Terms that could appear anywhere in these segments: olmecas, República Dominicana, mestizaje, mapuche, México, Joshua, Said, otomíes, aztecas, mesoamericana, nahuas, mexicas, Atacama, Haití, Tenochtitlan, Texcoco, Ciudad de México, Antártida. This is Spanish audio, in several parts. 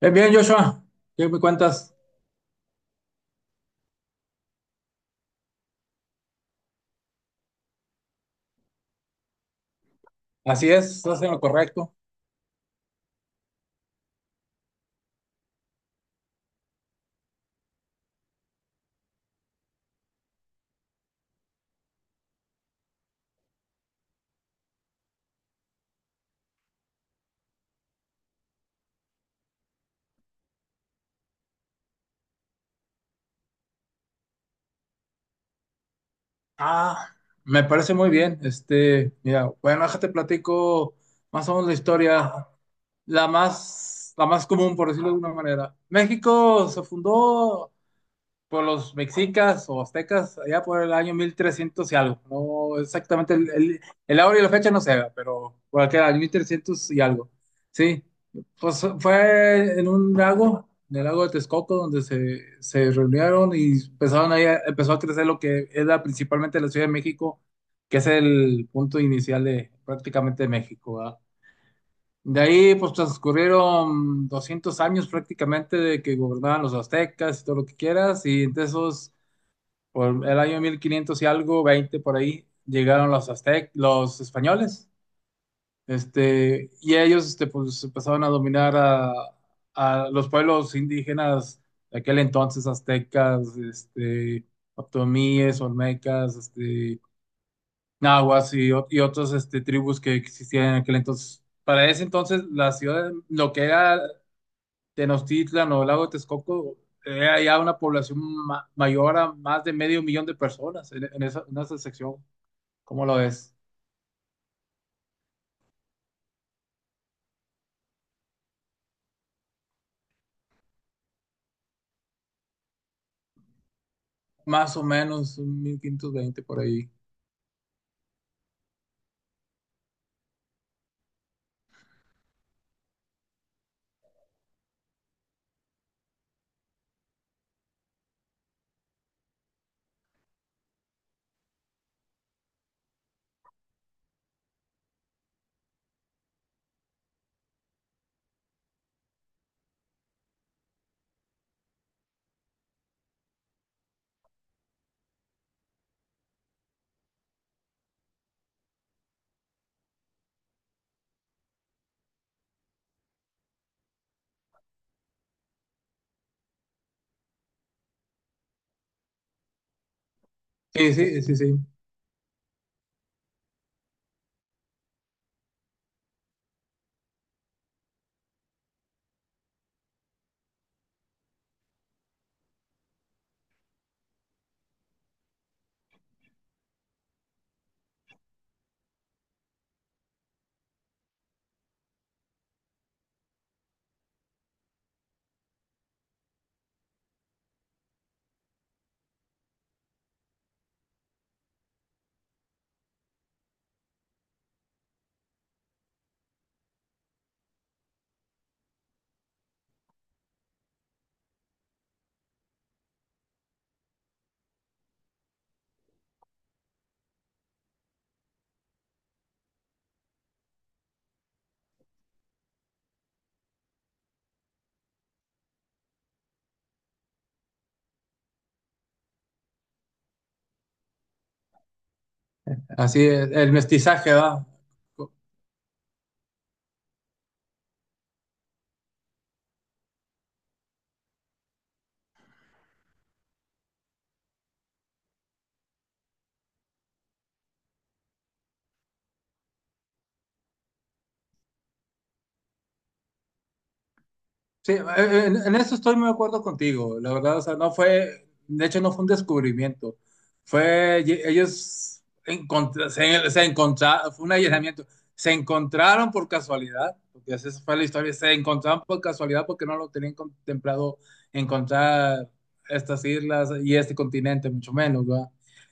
Bien, bien, Joshua, ¿qué me cuentas? Así es, estás en lo correcto. Ah, me parece muy bien. Este, mira, bueno, déjate platico más o menos la historia, la más común, por decirlo de alguna manera. México se fundó por los mexicas o aztecas, allá por el año 1300 y algo. No exactamente el hora y la fecha no se ve, pero por aquel año 1300 y algo. Sí, pues fue en un lago, en el lago de Texcoco, donde se reunieron y empezaron ahí, empezó a crecer lo que era principalmente la Ciudad de México, que es el punto inicial de prácticamente México, ¿verdad? De ahí pues transcurrieron 200 años prácticamente de que gobernaban los aztecas y todo lo que quieras, y entre esos por el año 1500 y algo, 20 por ahí, llegaron los aztecas, los españoles, este, y ellos este, pues, empezaron a dominar a los pueblos indígenas de aquel entonces, aztecas, este, otomíes, olmecas, este, nahuas y, y otras este, tribus que existían en aquel entonces. Para ese entonces, la ciudad, lo que era Tenochtitlan o el lago de Texcoco, hay ya una población mayor a más de medio millón de personas en esa sección. ¿Cómo lo ves? Más o menos un 1520 por ahí. Sí, sí, sí, sí. Así es, el mestizaje, ¿verdad? Sí, en eso estoy muy de acuerdo contigo. La verdad, o sea, no fue, de hecho, no fue un descubrimiento. Fue, ellos se encontraron, fue un allanamiento. Se encontraron por casualidad, porque así fue la historia. Se encontraron por casualidad porque no lo tenían contemplado encontrar estas islas y este continente, mucho menos, ¿verdad?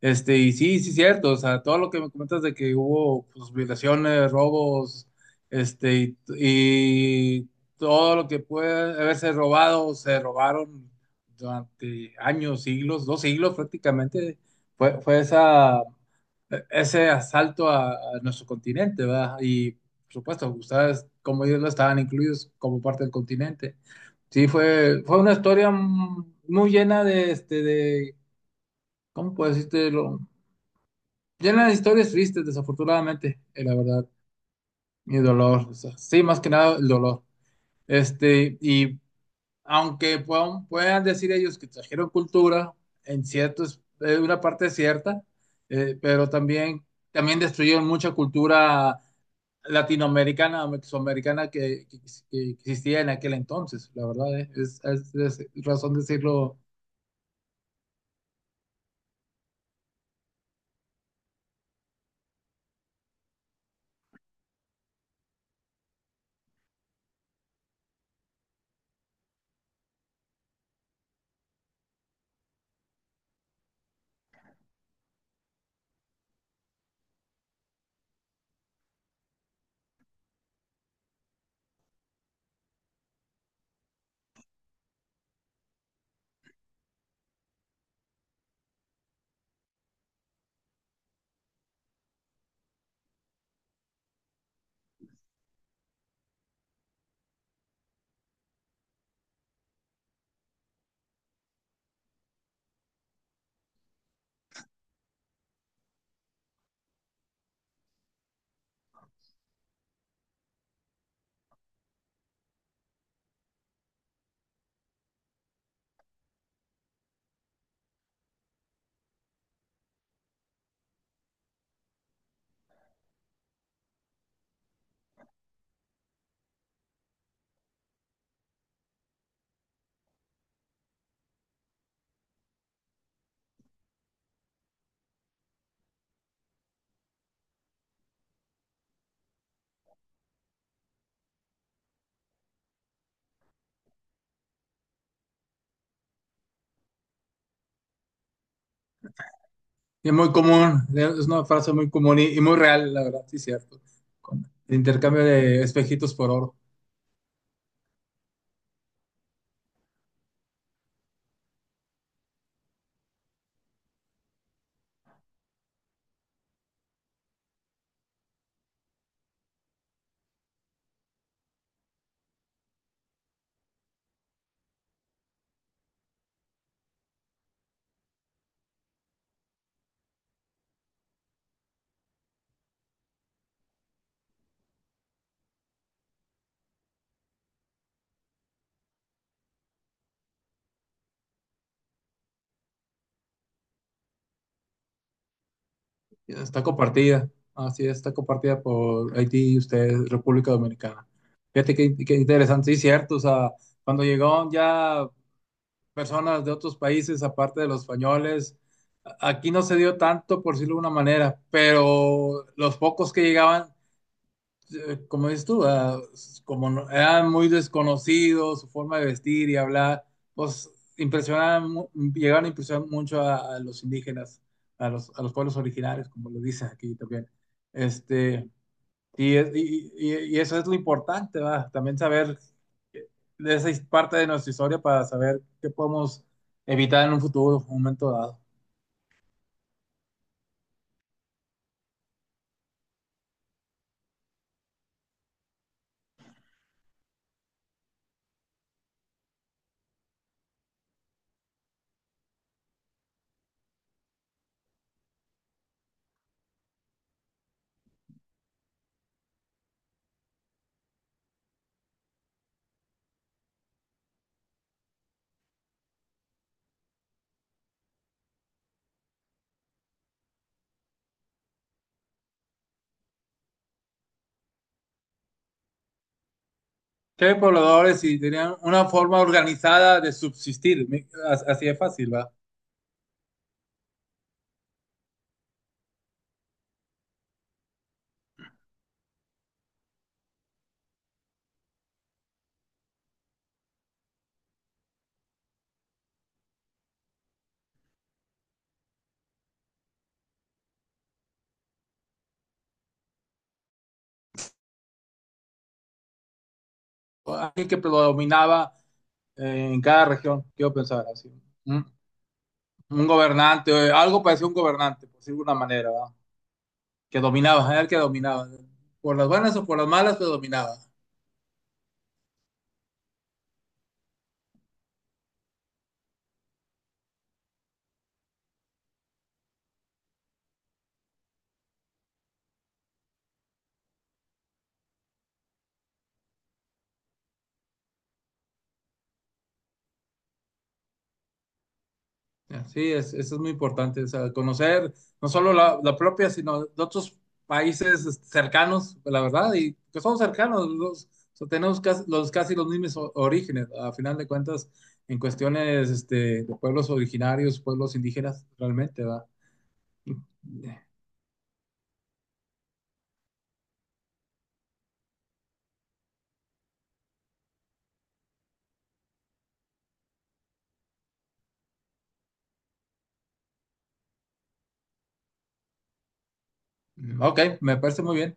Este, y sí, sí, cierto. O sea, todo lo que me comentas de que hubo pues, violaciones, robos, este, y todo lo que puede haberse robado, se robaron durante años, siglos, 2 siglos prácticamente, fue esa, ese asalto a nuestro continente, ¿verdad? Y por supuesto, ustedes, como ellos no estaban incluidos como parte del continente. Sí, fue una historia muy llena de, este, de, ¿cómo puedo decirte? Llena de historias tristes, desafortunadamente, la verdad, y dolor. O sea, sí, más que nada el dolor. Este, y aunque puedan decir ellos que trajeron cultura, en cierto, es una parte cierta, pero también destruyeron mucha cultura latinoamericana, mesoamericana que existía en aquel entonces, la verdad, es razón decirlo, y es muy común, es una frase muy común y muy real, la verdad, sí, cierto, con el intercambio de espejitos por oro. Está compartida. Así es, está compartida por Haití y ustedes, República Dominicana. Fíjate qué interesante, sí, cierto. O sea, cuando llegaron ya personas de otros países, aparte de los españoles, aquí no se dio tanto, por decirlo de una manera, pero los pocos que llegaban como dices tú, ah, s- como no- eran muy desconocidos, su forma de vestir y hablar, pues impresionaban, llegaron a impresionar mucho a los indígenas, a los pueblos originarios, como lo dicen aquí también. Este, y eso es lo importante, ¿va? También saber eh, de esa parte de nuestra historia para saber qué podemos evitar en un futuro, un momento dado. Que pobladores y tenían una forma organizada de subsistir, así de fácil, ¿va? Alguien que predominaba en cada región, quiero pensar así. Un, un gobernante, algo parecía un gobernante, por decirlo de alguna manera, ¿verdad? Que dominaba, era el que dominaba. Por las buenas o por las malas, pero dominaba. Sí, eso es muy importante, o sea, conocer no solo la propia, sino de otros países cercanos, la verdad, y que son cercanos, los, o sea, tenemos casi los mismos orígenes, a final de cuentas, en cuestiones este, de pueblos originarios, pueblos indígenas, realmente, ¿verdad? Mm, Ok, me parece muy bien.